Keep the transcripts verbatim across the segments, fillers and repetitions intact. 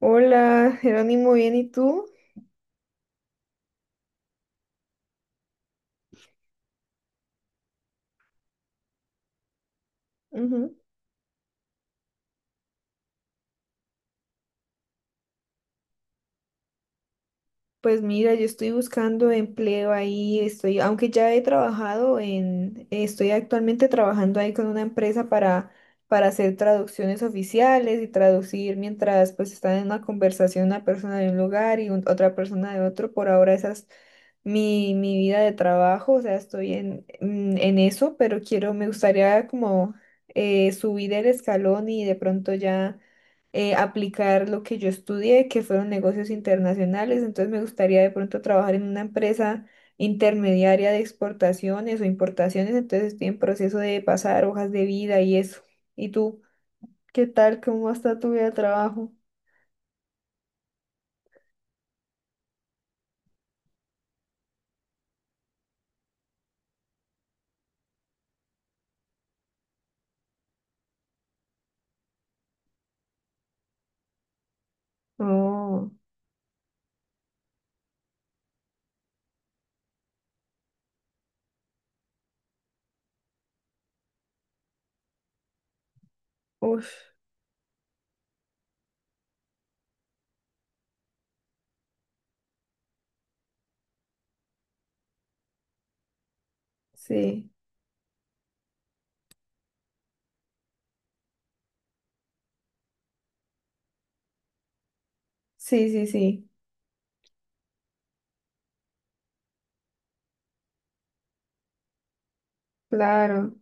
Hola, Jerónimo, bien, ¿y tú? Ujú. Pues mira, yo estoy buscando empleo ahí, estoy, aunque ya he trabajado en, estoy actualmente trabajando ahí con una empresa para, para hacer traducciones oficiales y traducir mientras pues están en una conversación una persona de un lugar y un- otra persona de otro. Por ahora esa es mi, mi vida de trabajo, o sea, estoy en, en en eso, pero quiero, me gustaría como eh, subir el escalón y de pronto ya eh, aplicar lo que yo estudié, que fueron negocios internacionales. Entonces me gustaría de pronto trabajar en una empresa intermediaria de exportaciones o importaciones. Entonces estoy en proceso de pasar hojas de vida y eso. ¿Y tú? ¿Qué tal? ¿Cómo está tu vida de trabajo? Oh, uff, sí, sí, sí, sí, claro,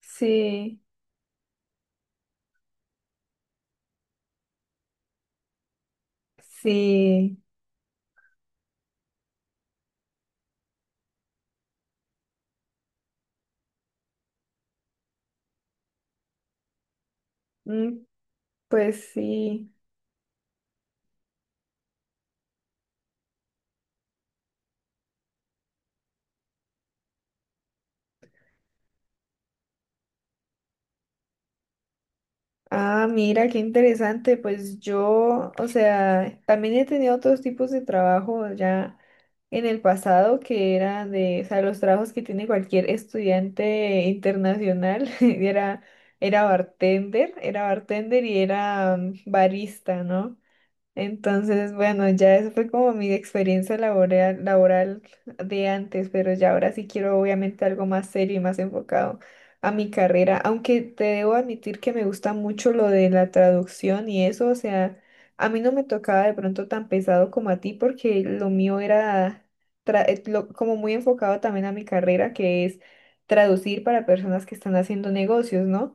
sí, sí, Mm, pues sí. Ah, mira, qué interesante. Pues yo, o sea, también he tenido otros tipos de trabajo ya en el pasado que eran de, o sea, los trabajos que tiene cualquier estudiante internacional. Era, era bartender, era bartender y era mm, barista, ¿no? Entonces, bueno, ya eso fue como mi experiencia laboral, laboral de antes, pero ya ahora sí quiero obviamente algo más serio y más enfocado a mi carrera, aunque te debo admitir que me gusta mucho lo de la traducción y eso, o sea, a mí no me tocaba de pronto tan pesado como a ti porque lo mío era tra- eh, lo- como muy enfocado también a mi carrera, que es traducir para personas que están haciendo negocios, ¿no?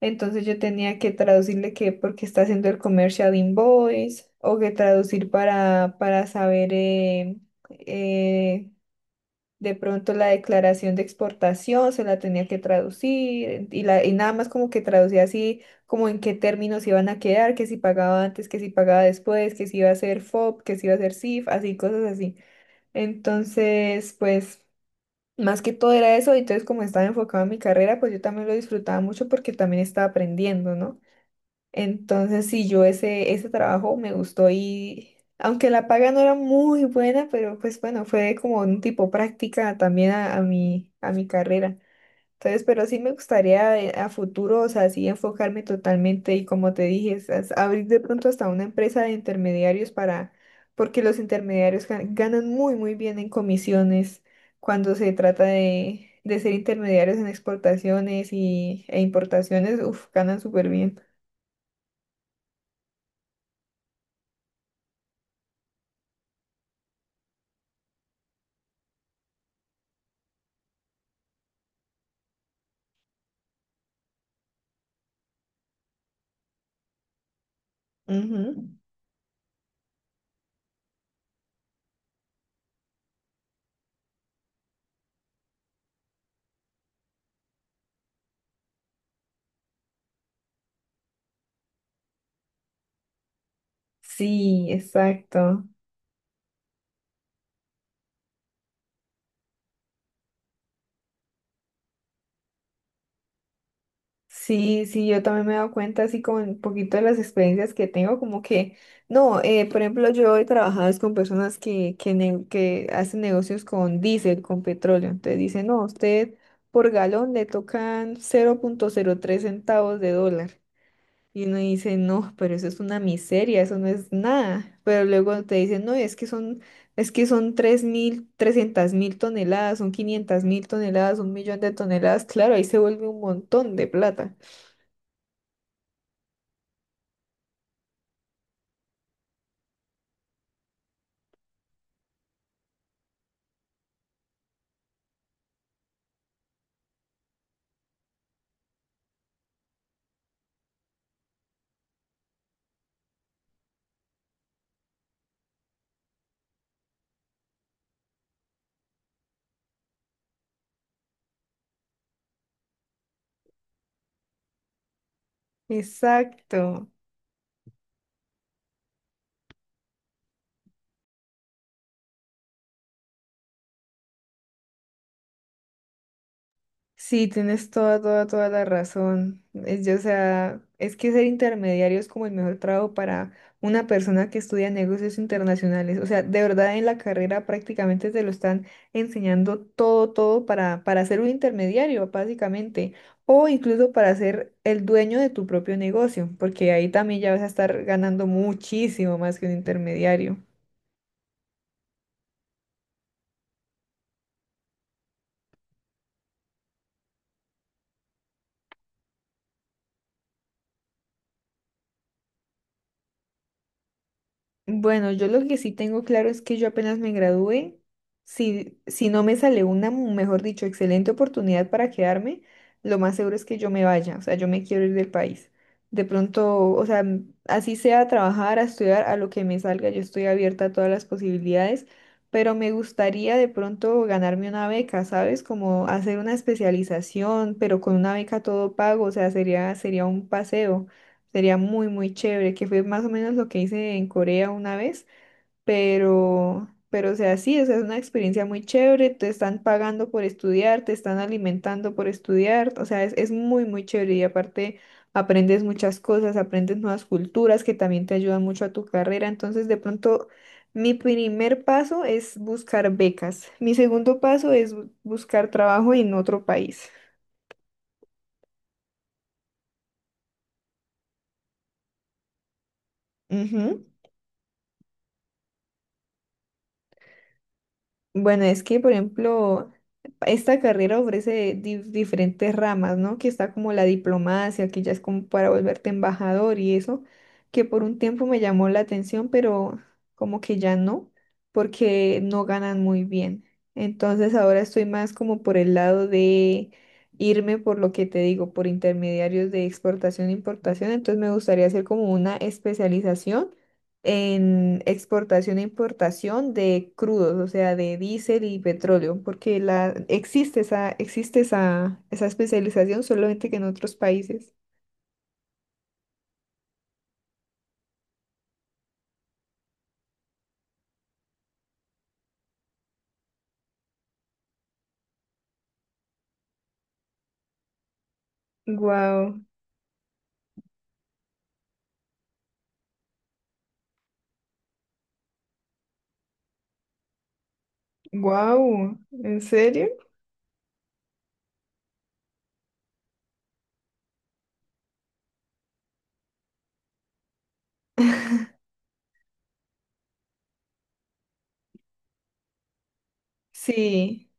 Entonces yo tenía que traducirle que porque está haciendo el commercial invoice o que traducir para, para saber eh, eh, de pronto la declaración de exportación, se la tenía que traducir y, la, y nada más como que traducía así como en qué términos iban a quedar, que si pagaba antes, que si pagaba después, que si iba a ser F O B, que si iba a ser C I F, así cosas así. Entonces, pues. Más que todo era eso, y entonces como estaba enfocado en mi carrera, pues yo también lo disfrutaba mucho porque también estaba aprendiendo, ¿no? Entonces, sí, yo ese, ese trabajo me gustó y aunque la paga no era muy buena, pero pues bueno, fue como un tipo práctica también a, a mi, a mi carrera. Entonces, pero sí me gustaría eh, a futuro, o sea, sí enfocarme totalmente y como te dije, es- es abrir de pronto hasta una empresa de intermediarios para, porque los intermediarios gan- ganan muy, muy bien en comisiones cuando se trata de, de ser intermediarios en exportaciones y, e importaciones, uf, ganan súper bien. Ujú. Sí, exacto. Sí, sí, yo también me he dado cuenta así como un poquito de las experiencias que tengo, como que, no, eh, por ejemplo, yo he trabajado es con personas que, que, ne- que hacen negocios con diésel, con petróleo. Entonces dicen, no, a usted por galón le tocan cero cero punto cero tres centavos de dólar. Y uno dice, no, pero eso es una miseria, eso no es nada. Pero luego te dicen, no, es que son, es que son tres mil, trescientas mil toneladas, son quinientas mil toneladas, un millón de toneladas. Claro, ahí se vuelve un montón de plata. Exacto. Sí, tienes toda, toda, toda la razón. Es, yo, o sea, es que ser intermediario es como el mejor trabajo para una persona que estudia negocios internacionales. O sea, de verdad en la carrera prácticamente te lo están enseñando todo, todo para, para ser un intermediario, básicamente. O incluso para ser el dueño de tu propio negocio, porque ahí también ya vas a estar ganando muchísimo más que un intermediario. Bueno, yo lo que sí tengo claro es que yo apenas me gradué, si, si no me sale una, mejor dicho, excelente oportunidad para quedarme, lo más seguro es que yo me vaya, o sea, yo me quiero ir del país. De pronto, o sea, m- así sea a trabajar, a estudiar, a lo que me salga, yo estoy abierta a todas las posibilidades, pero me gustaría de pronto ganarme una beca, ¿sabes? Como hacer una especialización, pero con una beca todo pago, o sea, sería, sería un paseo. Sería muy, muy chévere, que fue más o menos lo que hice en Corea una vez, pero, pero o sea, sí, o sea, es, una experiencia muy chévere, te están pagando por estudiar, te están alimentando por estudiar, o sea, es, es muy, muy chévere y aparte aprendes muchas cosas, aprendes nuevas culturas que también te ayudan mucho a tu carrera, entonces de pronto mi primer paso es buscar becas, mi segundo paso es bu- buscar trabajo en otro país. Bueno, es que, por ejemplo, esta carrera ofrece di- diferentes ramas, ¿no? Que está como la diplomacia, que ya es como para volverte embajador y eso, que por un tiempo me llamó la atención, pero como que ya no, porque no ganan muy bien. Entonces ahora estoy más como por el lado de irme por lo que te digo, por intermediarios de exportación e importación. Entonces me gustaría hacer como una especialización en exportación e importación de crudos, o sea, de diésel y petróleo, porque la, existe esa, existe esa, esa especialización solamente que en otros países. Wow, wow, ¿en serio? Sí.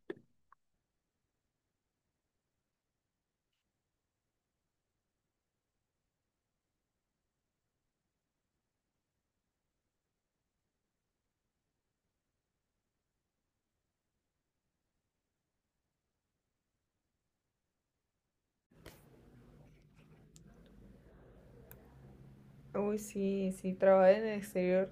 Uy, sí, sí, trabajar en el exterior.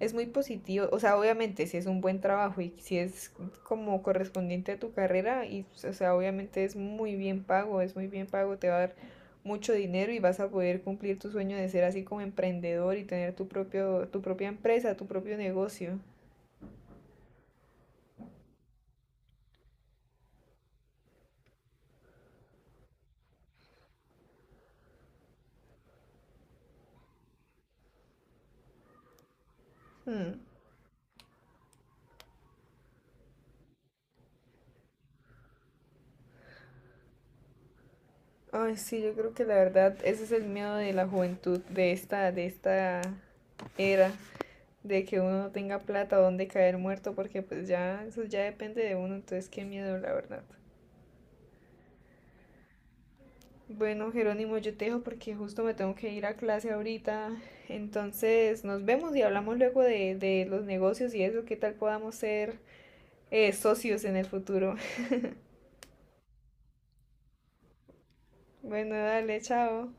Es muy positivo, o sea, obviamente si es un buen trabajo y si es como correspondiente a tu carrera, y, pues, o sea, obviamente es muy bien pago, es muy bien pago, te va a dar mucho dinero y vas a poder cumplir tu sueño de ser así como emprendedor y tener tu propio, tu propia empresa, tu propio negocio. Hmm. Ay, sí, yo creo que la verdad, ese es el miedo de la juventud, de esta, de esta era, de que uno no tenga plata o dónde caer muerto, porque pues ya, eso ya depende de uno, entonces qué miedo, la verdad. Bueno, Jerónimo, yo te dejo porque justo me tengo que ir a clase ahorita. Entonces, nos vemos y hablamos luego de, de los negocios y eso, qué tal podamos ser eh, socios en el futuro. Bueno, dale, chao.